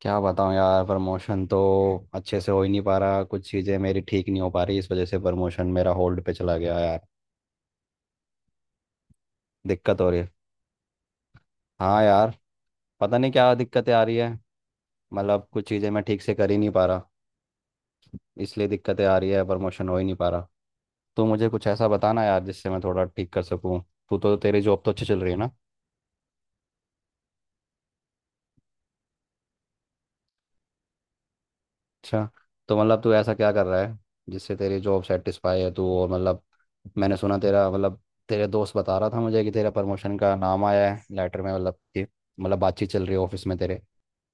क्या बताऊं यार। प्रमोशन तो अच्छे से हो ही नहीं पा रहा। कुछ चीज़ें मेरी ठीक नहीं हो पा रही। इस वजह से प्रमोशन मेरा होल्ड पे चला गया यार। दिक्कत हो रही है। हाँ यार। पता नहीं क्या दिक्कतें आ रही है। मतलब कुछ चीज़ें मैं ठीक से कर ही नहीं पा रहा। इसलिए दिक्कतें आ रही है। प्रमोशन हो ही नहीं पा रहा। तो मुझे कुछ ऐसा बताना यार जिससे मैं थोड़ा ठीक कर सकूँ। तू तो तेरी जॉब तो अच्छी चल रही है ना। अच्छा। तो मतलब तू ऐसा क्या कर रहा है जिससे तेरी जॉब सेटिस्फाई है तू। और मतलब मैंने सुना तेरा मतलब तेरे दोस्त बता रहा था मुझे कि तेरा प्रमोशन का नाम आया है लेटर में। मतलब कि मतलब बातचीत चल रही है ऑफिस में तेरे।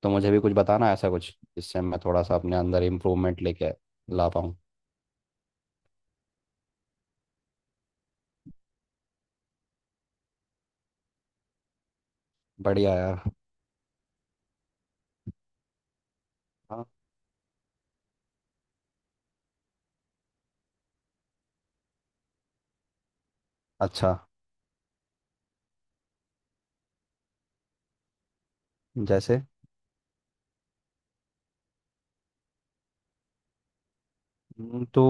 तो मुझे भी कुछ बताना ऐसा कुछ जिससे मैं थोड़ा सा अपने अंदर इम्प्रूवमेंट लेके ला पाऊँ। बढ़िया यार। हाँ। अच्छा। जैसे। तो।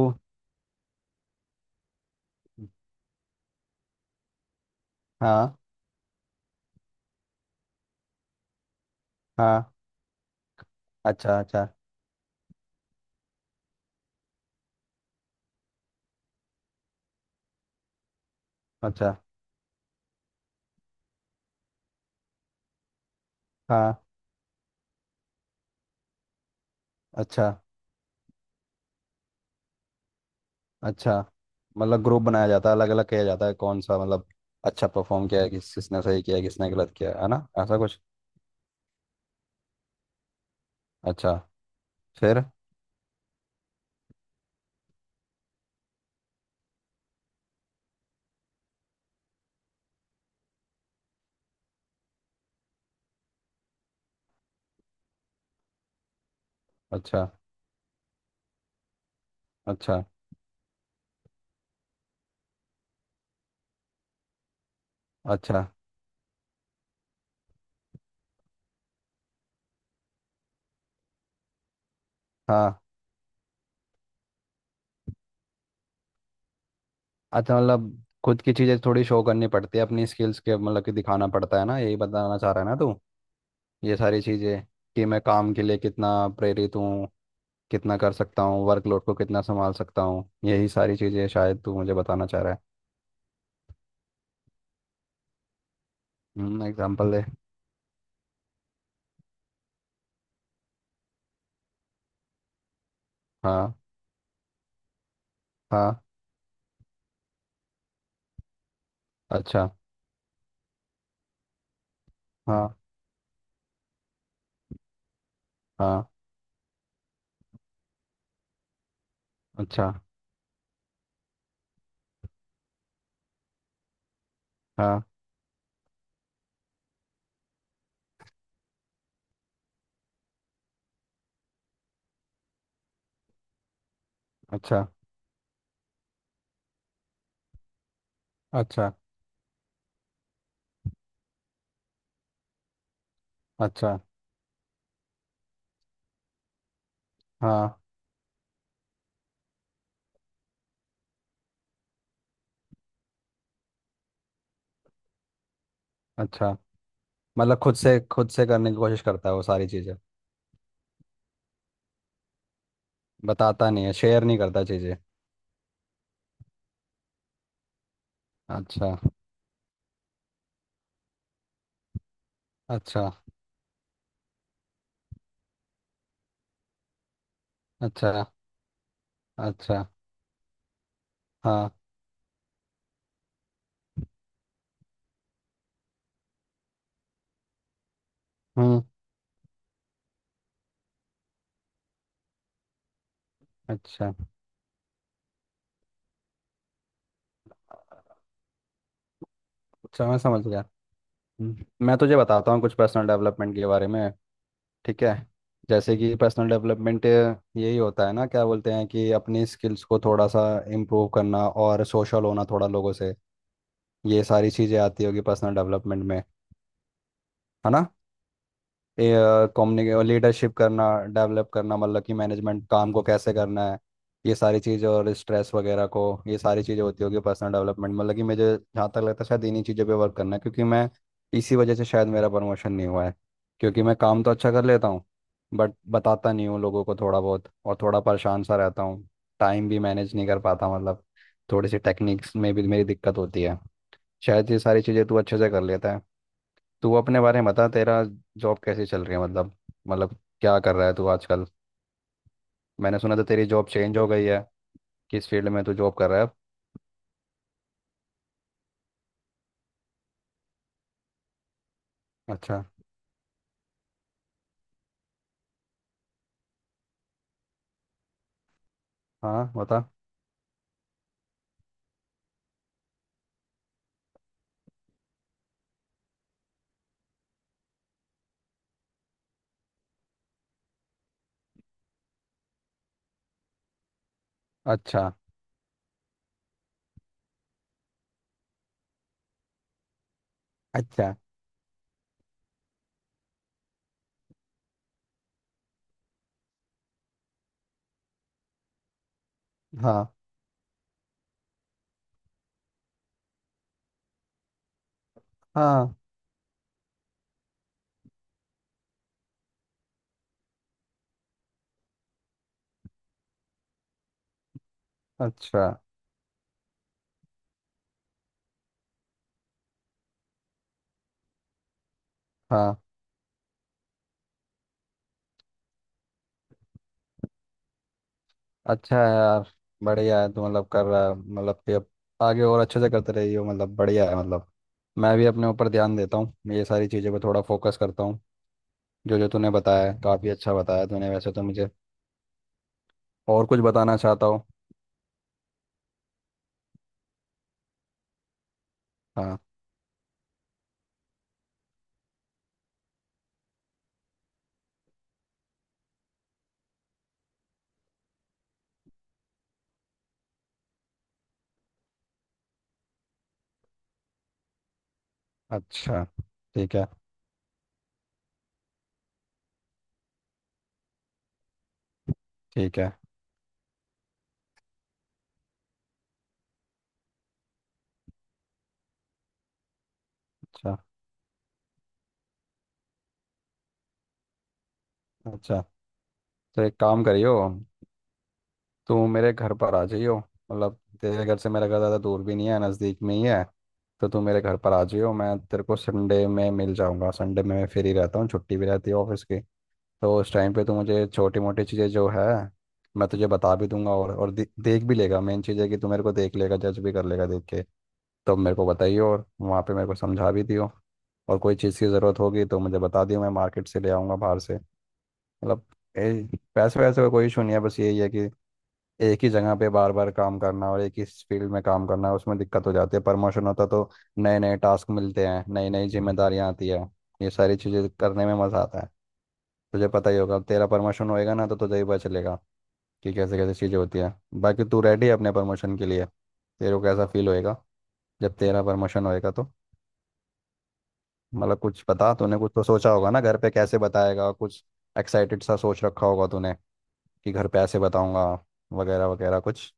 हाँ। हाँ। अच्छा अच्छा। अच्छा। हाँ। अच्छा। अच्छा मतलब ग्रुप बनाया जाता है अलग अलग किया जाता है। कौन सा मतलब अच्छा परफॉर्म किया है। किस किसने सही किया है किसने गलत किया है ना ऐसा कुछ। अच्छा। फिर। अच्छा। अच्छा। अच्छा। हाँ। अच्छा मतलब खुद की चीज़ें थोड़ी शो करनी पड़ती है अपनी स्किल्स के। मतलब कि दिखाना पड़ता है ना। यही बताना चाह रहा है ना तू ये सारी चीज़ें। कि मैं काम के लिए कितना प्रेरित हूँ कितना कर सकता हूँ। वर्कलोड को कितना संभाल सकता हूँ। यही सारी चीज़ें शायद तू मुझे बताना चाह रहा है। एग्जाम्पल दे। हाँ। हाँ। अच्छा। हाँ। हाँ। अच्छा। हाँ। अच्छा। अच्छा। अच्छा। हाँ। अच्छा मतलब खुद से करने की कोशिश करता है वो सारी चीज़ें। बताता नहीं है शेयर नहीं करता चीज़ें। अच्छा। अच्छा। अच्छा। अच्छा। हाँ। हम्म। अच्छा। अच्छा मैं समझ गया। मैं तुझे बताता हूँ कुछ पर्सनल डेवलपमेंट के बारे में। ठीक है। जैसे कि पर्सनल डेवलपमेंट यही होता है ना। क्या बोलते हैं कि अपनी स्किल्स को थोड़ा सा इम्प्रूव करना और सोशल होना थोड़ा लोगों से। ये सारी चीज़ें आती होगी पर्सनल डेवलपमेंट में। है ना। ये कम्युनिके लीडरशिप करना डेवलप करना। मतलब कि मैनेजमेंट काम को कैसे करना है। ये सारी चीज़ें और स्ट्रेस वगैरह को। ये सारी चीज़ें होती होगी पर्सनल डेवलपमेंट। मतलब कि मुझे जहाँ तक लगता है शायद इन्हीं चीज़ों पे वर्क करना है, क्योंकि मैं इसी वजह से शायद मेरा प्रमोशन नहीं हुआ है। क्योंकि मैं काम तो अच्छा कर लेता हूँ बट बताता नहीं हूँ लोगों को थोड़ा बहुत, और थोड़ा परेशान सा रहता हूँ। टाइम भी मैनेज नहीं कर पाता। मतलब थोड़ी सी टेक्निक्स में भी मेरी दिक्कत होती है। शायद ये सारी चीज़ें तू अच्छे से कर लेता है। तू अपने बारे में बता। तेरा जॉब कैसे चल रही है। मतलब क्या कर रहा है तू आजकल। मैंने सुना था तेरी जॉब चेंज हो गई है। किस फील्ड में तू जॉब कर रहा है अब? अच्छा। हाँ बता। अच्छा। अच्छा। हाँ। हाँ। अच्छा। हाँ। अच्छा है यार। बढ़िया है तू। मतलब कर रहा है मतलब कि अब आगे और अच्छे से करते रही हो। मतलब बढ़िया है मतलब। मैं भी अपने ऊपर ध्यान देता हूँ। मैं ये सारी चीज़ों पे थोड़ा फोकस करता हूँ। जो जो तूने बताया काफ़ी अच्छा बताया तूने वैसे तो मुझे। और कुछ बताना चाहता हूँ। हाँ। अच्छा। ठीक है। ठीक है। अच्छा। अच्छा। तो एक काम करियो। तू मेरे घर पर आ जाइयो। मतलब तेरे घर से मेरा घर ज़्यादा दूर भी नहीं है, नज़दीक में ही है। तो तू मेरे घर पर आ जाइयो। मैं तेरे को संडे में मिल जाऊंगा। संडे में मैं फ्री रहता हूँ, छुट्टी भी रहती है ऑफिस की। तो उस टाइम पे तू मुझे छोटी मोटी चीज़ें जो है मैं तुझे बता भी दूंगा, और देख भी लेगा। मेन चीज़ है कि तू मेरे को देख लेगा जज भी कर लेगा देख के। तो मेरे को बताइयो और वहाँ पे मेरे को समझा भी दियो। और कोई चीज़ की ज़रूरत होगी तो मुझे बता दियो, मैं मार्केट से ले आऊँगा बाहर से। मतलब पैसे वैसे का कोई इशू नहीं है। बस यही है कि एक ही जगह पे बार बार काम करना और एक ही फील्ड में काम करना उसमें दिक्कत हो जाती है। प्रमोशन होता तो नए नए टास्क मिलते हैं, नई नई जिम्मेदारियां आती है। ये सारी चीज़ें करने में मज़ा आता है। तुझे पता ही होगा, तेरा प्रमोशन होएगा ना तो तुझे ही पता चलेगा कि कैसे कैसे चीज़ें होती है। बाकी तू रेडी है अपने प्रमोशन के लिए? तेरे को कैसा फील होएगा जब तेरा प्रमोशन होएगा तो? मतलब कुछ बता। तूने कुछ तो सोचा होगा ना, घर पे कैसे बताएगा कुछ, एक्साइटेड सा सोच रखा होगा तूने कि घर पैसे बताऊंगा वगैरह वगैरह कुछ।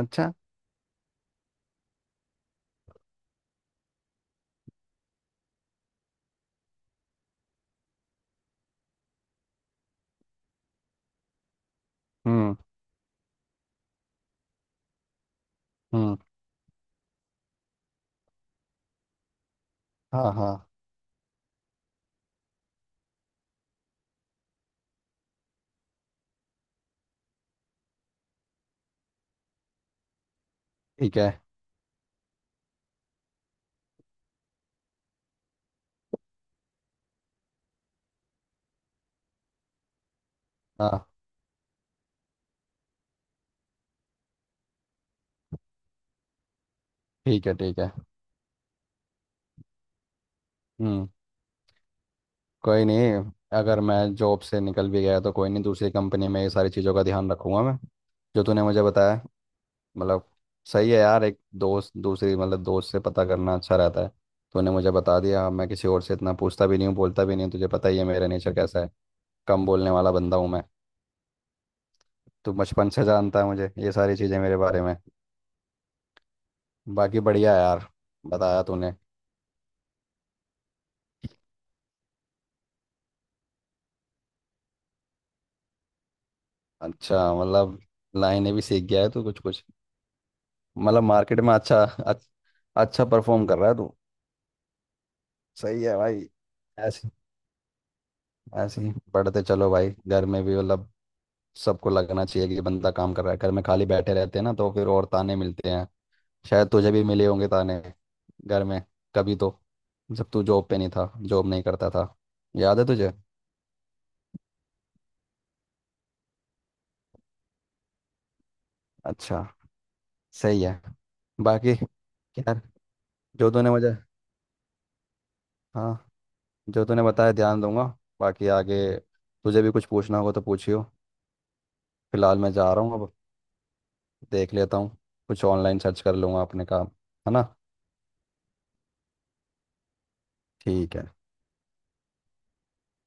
अच्छा। हम्म। हम्म। हाँ। हाँ। ठीक है। हाँ। ठीक है। ठीक है। हम्म। कोई नहीं। अगर मैं जॉब से निकल भी गया तो कोई नहीं, दूसरी कंपनी में ये सारी चीज़ों का ध्यान रखूंगा मैं, जो तूने मुझे बताया। मतलब सही है यार, एक दोस्त दूसरी मतलब दोस्त से पता करना अच्छा रहता है। तूने मुझे बता दिया। मैं किसी और से इतना पूछता भी नहीं हूँ बोलता भी नहीं हूँ, तुझे पता ही है मेरा नेचर कैसा है। कम बोलने वाला बंदा हूँ मैं। तू बचपन से जानता है मुझे, ये सारी चीज़ें मेरे बारे में। बाकी बढ़िया यार, बताया तूने। अच्छा मतलब लाइनें भी सीख गया है तू कुछ कुछ। मतलब मार्केट में अच्छा अच्छा परफॉर्म कर रहा है तू। सही है भाई। ऐसे ऐसे ही बढ़ते चलो भाई। घर में भी मतलब सबको लगना चाहिए कि बंदा काम कर रहा है। घर में खाली बैठे रहते हैं ना तो फिर और ताने मिलते हैं। शायद तुझे भी मिले होंगे ताने घर में, कभी तो, जब तू जॉब पे नहीं था, जॉब नहीं करता था। याद है तुझे? अच्छा। सही है। बाकी यार जो तूने मुझे, हाँ, जो तूने बताया ध्यान दूंगा। बाकी आगे तुझे भी कुछ पूछना होगा तो पूछियो। फिलहाल मैं जा रहा हूँ अब। देख लेता हूँ, कुछ ऑनलाइन सर्च कर लूँगा अपने काम। है ना। ठीक है।